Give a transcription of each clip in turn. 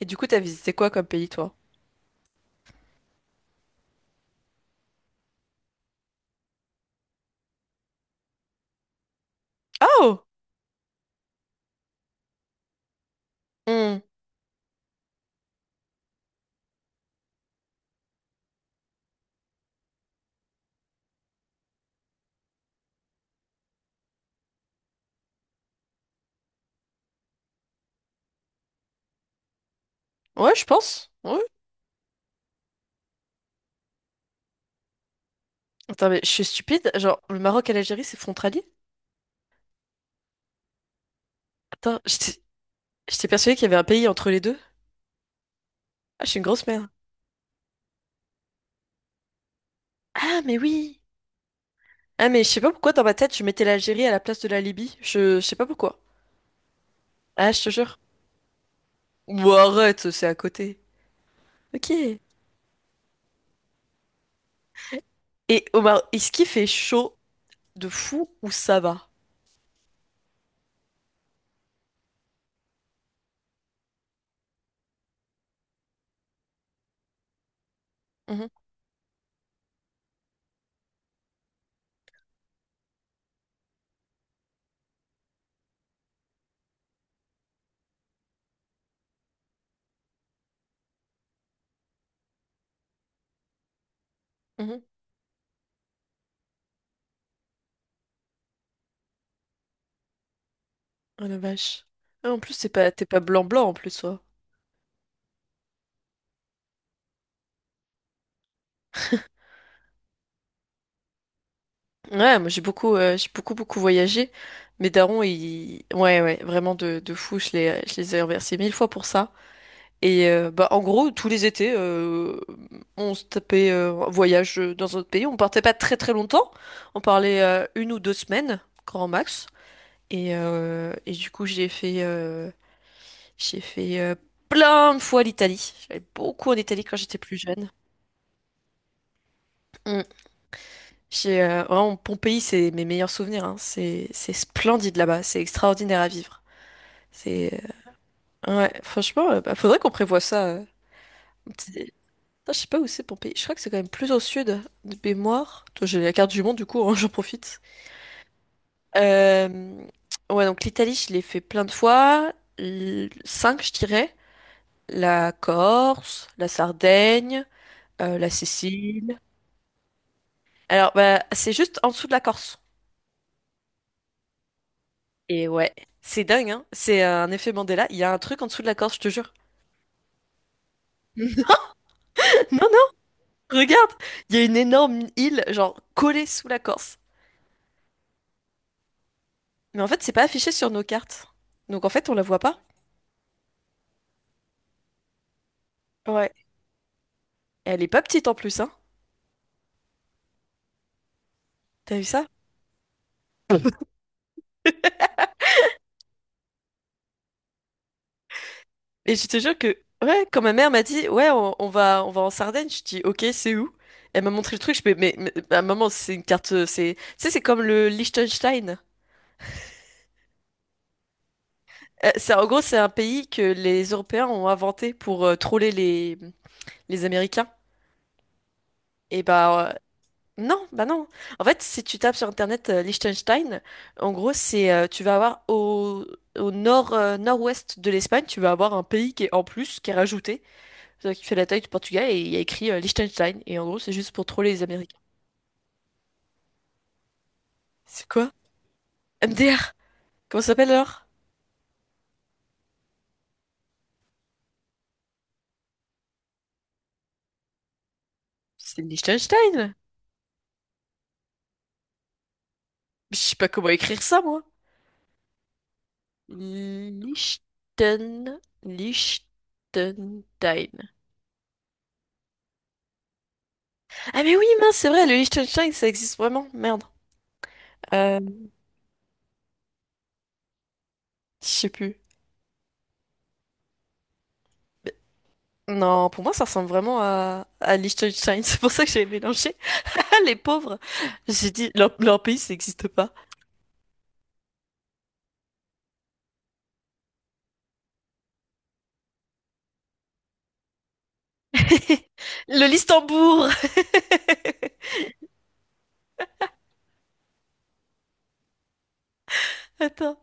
Et du coup, t'as visité quoi comme pays, toi? Ah, oh! Hmm. Ouais, je pense. Ouais. Attends, mais je suis stupide. Genre, le Maroc et l'Algérie, c'est frontalier? Attends, j'étais persuadée qu'il y avait un pays entre les deux. Ah, je suis une grosse merde. Ah, mais oui! Ah, mais je sais pas pourquoi dans ma tête, je mettais l'Algérie à la place de la Libye. Je sais pas pourquoi. Ah, je te jure. Ou arrête, c'est à côté. Ok. Et au Maroc, est-ce qu'il fait chaud de fou ou ça va? Mhm, mhm. Oh la vache. Ah, en plus, c'est pas, t'es pas blanc-blanc en plus, ouais. Ouais, moi j'ai beaucoup beaucoup voyagé. Mes darons, ils, ouais ouais, vraiment de fou. Je les ai remerciés mille fois pour ça. Et bah en gros, tous les étés, on se tapait un voyage dans un autre pays. On partait pas très très longtemps. On parlait une ou deux semaines, grand max. Et du coup, j'ai fait plein de fois l'Italie. J'allais beaucoup en Italie quand j'étais plus jeune. Mm. Vraiment, Pompéi, c'est mes meilleurs souvenirs. Hein. C'est splendide là-bas. C'est extraordinaire à vivre. C'est, ouais, franchement, bah, faudrait qu'on prévoie ça. C'est- Putain, je sais pas où c'est Pompéi. Je crois que c'est quand même plus au sud de mémoire. Toi, j'ai la carte du monde, du coup, hein, j'en profite. Euh, ouais, donc l'Italie, je l'ai fait plein de fois. Cinq, je dirais. La Corse, la Sardaigne, la Sicile. Alors, bah, c'est juste en dessous de la Corse. Et ouais, c'est dingue, hein. C'est un effet Mandela. Il y a un truc en dessous de la Corse, je te jure. Non, non, regarde, il y a une énorme île, genre collée sous la Corse. Mais en fait, c'est pas affiché sur nos cartes. Donc en fait, on la voit pas. Ouais. Et elle est pas petite en plus, hein. T'as vu ça? Et je te jure que, ouais, quand ma mère m'a dit, ouais, on va en Sardaigne, je dis, ok, c'est où? Elle m'a montré le truc, je fais, mais bah, maman, c'est une carte, tu sais, c'est comme le Liechtenstein. En gros, c'est un pays que les Européens ont inventé pour troller les, Américains. Et bah non, bah non. En fait, si tu tapes sur internet Liechtenstein, en gros, c'est tu vas avoir au nord nord-ouest de l'Espagne, tu vas avoir un pays qui est en plus, qui est rajouté, qui fait la taille du Portugal et il y a écrit Liechtenstein. Et en gros, c'est juste pour troller les Américains. C'est quoi? MDR? Comment ça s'appelle alors? C'est Liechtenstein. Je sais pas comment écrire ça, moi. Liechtenstein. Ah mais oui, mince, c'est vrai, le Liechtenstein, ça existe vraiment. Merde. Euh, Je sais plus. Non, pour moi, ça ressemble vraiment à Liechtenstein. C'est pour ça que j'ai mélangé. Ah, les pauvres. J'ai dit, leur pays, ça n'existe pas. Le Listembourg! Attends,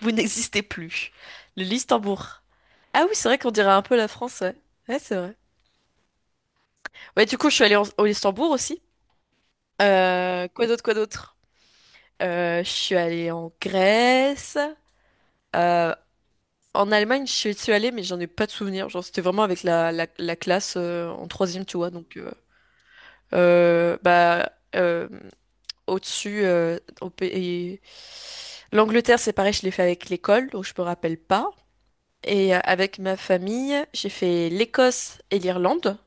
vous n'existez plus. Le Listembourg. Ah oui, c'est vrai qu'on dirait un peu la France, ouais. Ouais, c'est vrai. Ouais, du coup, je suis allée au Listembourg aussi. Quoi d'autre, quoi d'autre? Je suis allée en Grèce. Euh, en Allemagne, je suis allée, mais j'en ai pas de souvenir. Genre, c'était vraiment avec la classe en troisième, tu vois, donc... Euh, bah, euh, au-dessus, euh, au pays- L'Angleterre, c'est pareil, je l'ai fait avec l'école, donc je me rappelle pas. Et avec ma famille, j'ai fait l'Écosse et l'Irlande.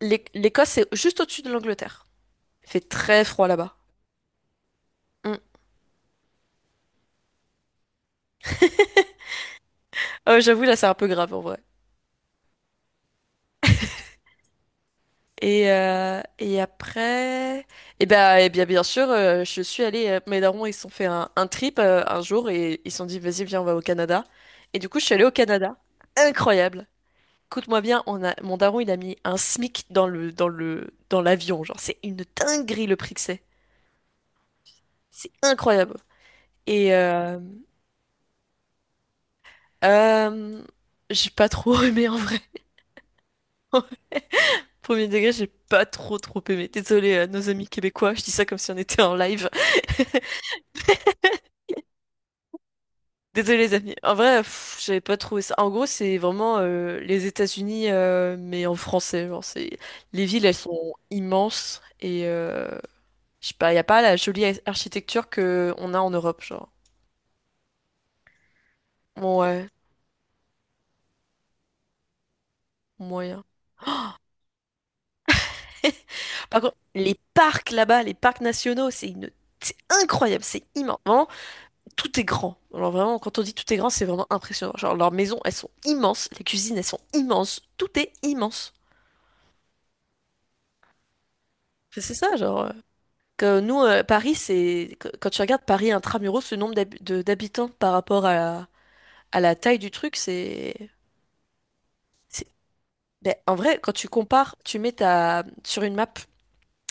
L'Écosse, c'est juste au-dessus de l'Angleterre. Il fait très froid là-bas. Mm. Oh, j'avoue, là, c'est un peu grave en vrai. Et après, eh bien, bien sûr, je suis allée. Mes darons, ils se sont fait un trip un jour et ils se sont dit, vas-y, viens, on va au Canada. Et du coup, je suis allée au Canada. Incroyable. Écoute-moi bien, on a, mon daron, il a mis un SMIC dans l'avion. Genre, c'est une dinguerie le prix que c'est. C'est incroyable. Et euh, j'ai pas trop aimé en vrai. Premier degré, j'ai pas trop trop aimé. Désolé à nos amis québécois, je dis ça comme si on était en live. Désolé les amis. En vrai, pff, j'avais pas trouvé ça. En gros, c'est vraiment les États-Unis, mais en français. Genre, c'est les villes, elles sont immenses et je sais pas, y a pas la jolie architecture que on a en Europe, genre. Ouais, moyen. Par contre, les parcs là-bas, les parcs nationaux, c'est incroyable, c'est immense. Vraiment, tout est grand. Alors vraiment, quand on dit tout est grand, c'est vraiment impressionnant. Genre, leurs maisons, elles sont immenses, les cuisines, elles sont immenses, tout est immense. Enfin, c'est ça, genre... Que nous, Paris, c'est... Quand tu regardes Paris intramuros, ce nombre d'habitants par rapport à la taille du truc, c'est- Ben, en vrai, quand tu compares, tu mets sur une map.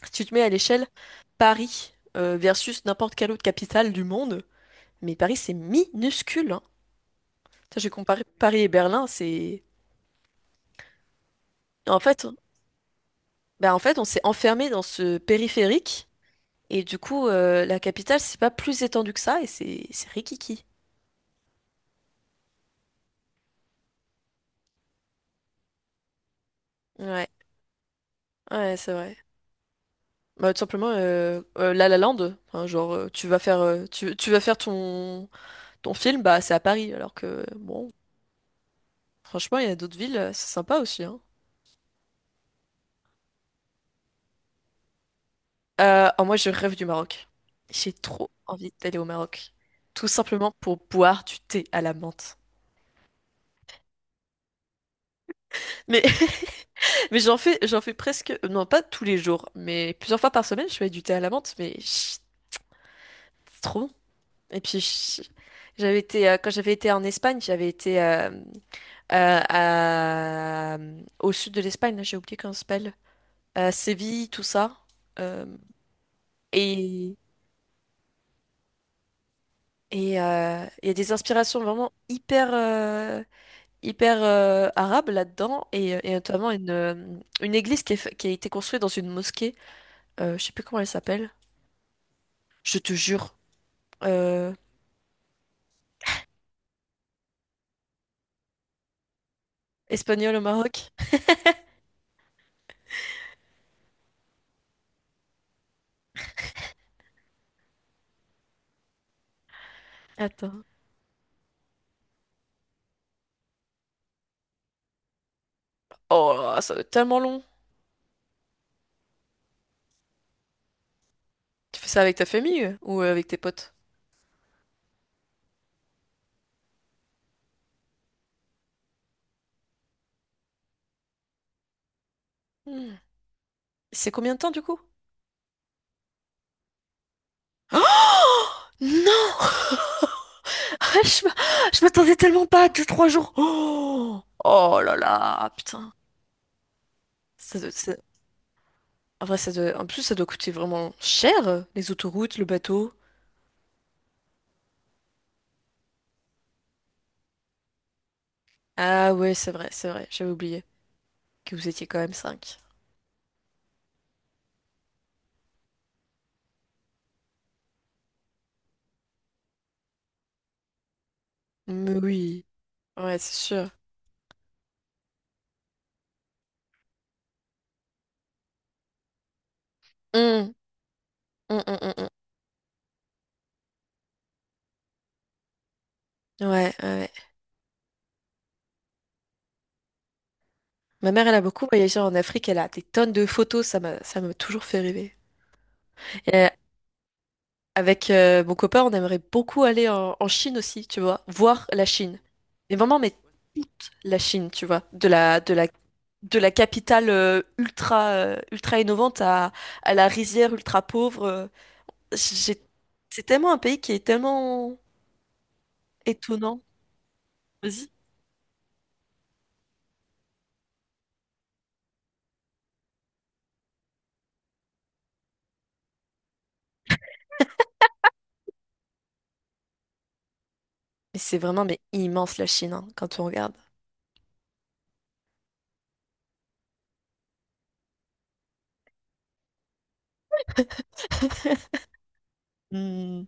Si tu te mets à l'échelle Paris versus n'importe quelle autre capitale du monde, mais Paris c'est minuscule. Hein. Ça, j'ai comparé Paris et Berlin. En fait, bah, en fait on s'est enfermé dans ce périphérique et du coup la capitale c'est pas plus étendu que ça et c'est rikiki. Ouais, ouais c'est vrai. Bah, tout simplement La La Land, enfin, genre tu vas faire ton film bah c'est à Paris alors que bon franchement il y a d'autres villes c'est sympa aussi. Hein. Oh, moi, je rêve du Maroc. J'ai trop envie d'aller au Maroc. Tout simplement pour boire du thé à la menthe. Mais, mais j'en fais presque, non pas tous les jours, mais plusieurs fois par semaine, je fais du thé à la menthe, mais chut, c'est trop bon. Et puis, chut, quand j'avais été en Espagne, euh, à- au sud de l'Espagne, là, j'ai oublié comment ça s'appelle. Séville, tout ça. Euh, et et il y a des inspirations vraiment hyper arabe là-dedans et notamment une église qui a été construite dans une mosquée. Je sais plus comment elle s'appelle. Je te jure. Euh, espagnole au Maroc. Attends. Oh, là là, ça doit être tellement long. Tu fais ça avec ta famille ou avec tes potes? Hmm. C'est combien de temps du coup? Non! Je m'a- je m'attendais tellement pas à 2-3 jours. Oh, oh là là, putain. Ça doit- ça- En vrai, en plus, ça doit coûter vraiment cher, les autoroutes, le bateau. Ah ouais, c'est vrai, j'avais oublié. Que vous étiez quand même cinq. Mais oui, ouais, c'est sûr. Hum, hum, hum, hum, hum. Ouais, ouais. Ma mère, elle a beaucoup voyagé en Afrique, elle a des tonnes de photos, ça m'a toujours fait rêver. Et avec mon copain, on aimerait beaucoup aller en Chine aussi, tu vois, voir la Chine. Mais vraiment, mais toute la Chine, tu vois, de la capitale ultra innovante à la rizière ultra pauvre. j'ai- c'est tellement un pays qui est tellement étonnant. Vas-y. Mais c'est vraiment mais immense la Chine hein, quand on regarde. Hmm,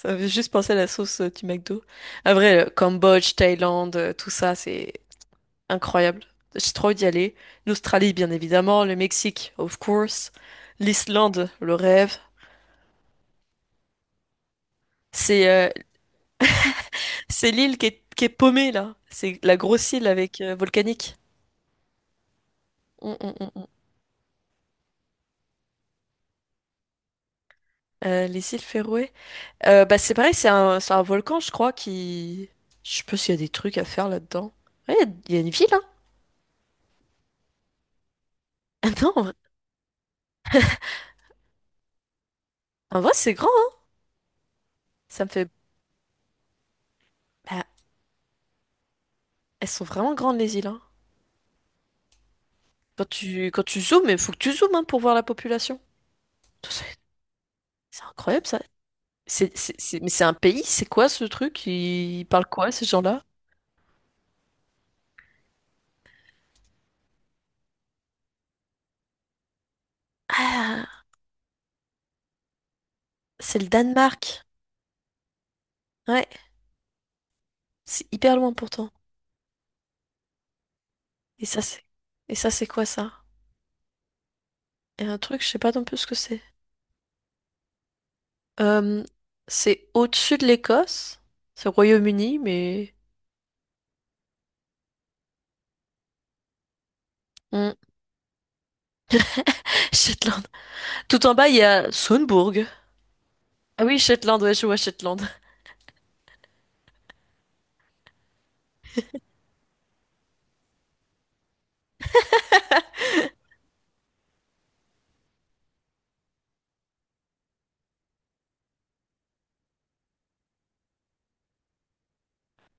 Ça me fait juste penser à la sauce du McDo. À vrai, le Cambodge, Thaïlande, tout ça, c'est incroyable. J'ai trop envie d'y aller. L'Australie, bien évidemment, le Mexique, of course. L'Islande, le rêve. C'est euh, c'est l'île qui est paumée là. C'est la grosse île avec volcanique. Hum, hum, hum, hum. Les îles Féroé. Bah c'est pareil, c'est un volcan, je crois, qui. Je sais pas s'il y a des trucs à faire là-dedans. Ouais, il y a une ville, hein. Ah non, en vrai, c'est grand, hein. Ça me fait... Bah, elles sont vraiment grandes, les îles, hein. Quand tu zoomes, il faut que tu zoomes, hein, pour voir la population. C'est c'est incroyable, ça. Mais c'est un pays, c'est quoi ce truc? Ils parlent quoi, ces gens-là? Ah, c'est le Danemark. Ouais, c'est hyper loin pourtant. Et ça, c'est... Et ça, c'est quoi, ça? Et un truc, je sais pas non plus ce que c'est. Euh, c'est au-dessus de l'Écosse. C'est au Royaume-Uni. Hmm. Shetland. Tout en bas, il y a Sundburg. Ah oui, Shetland, ouais, je vois Shetland.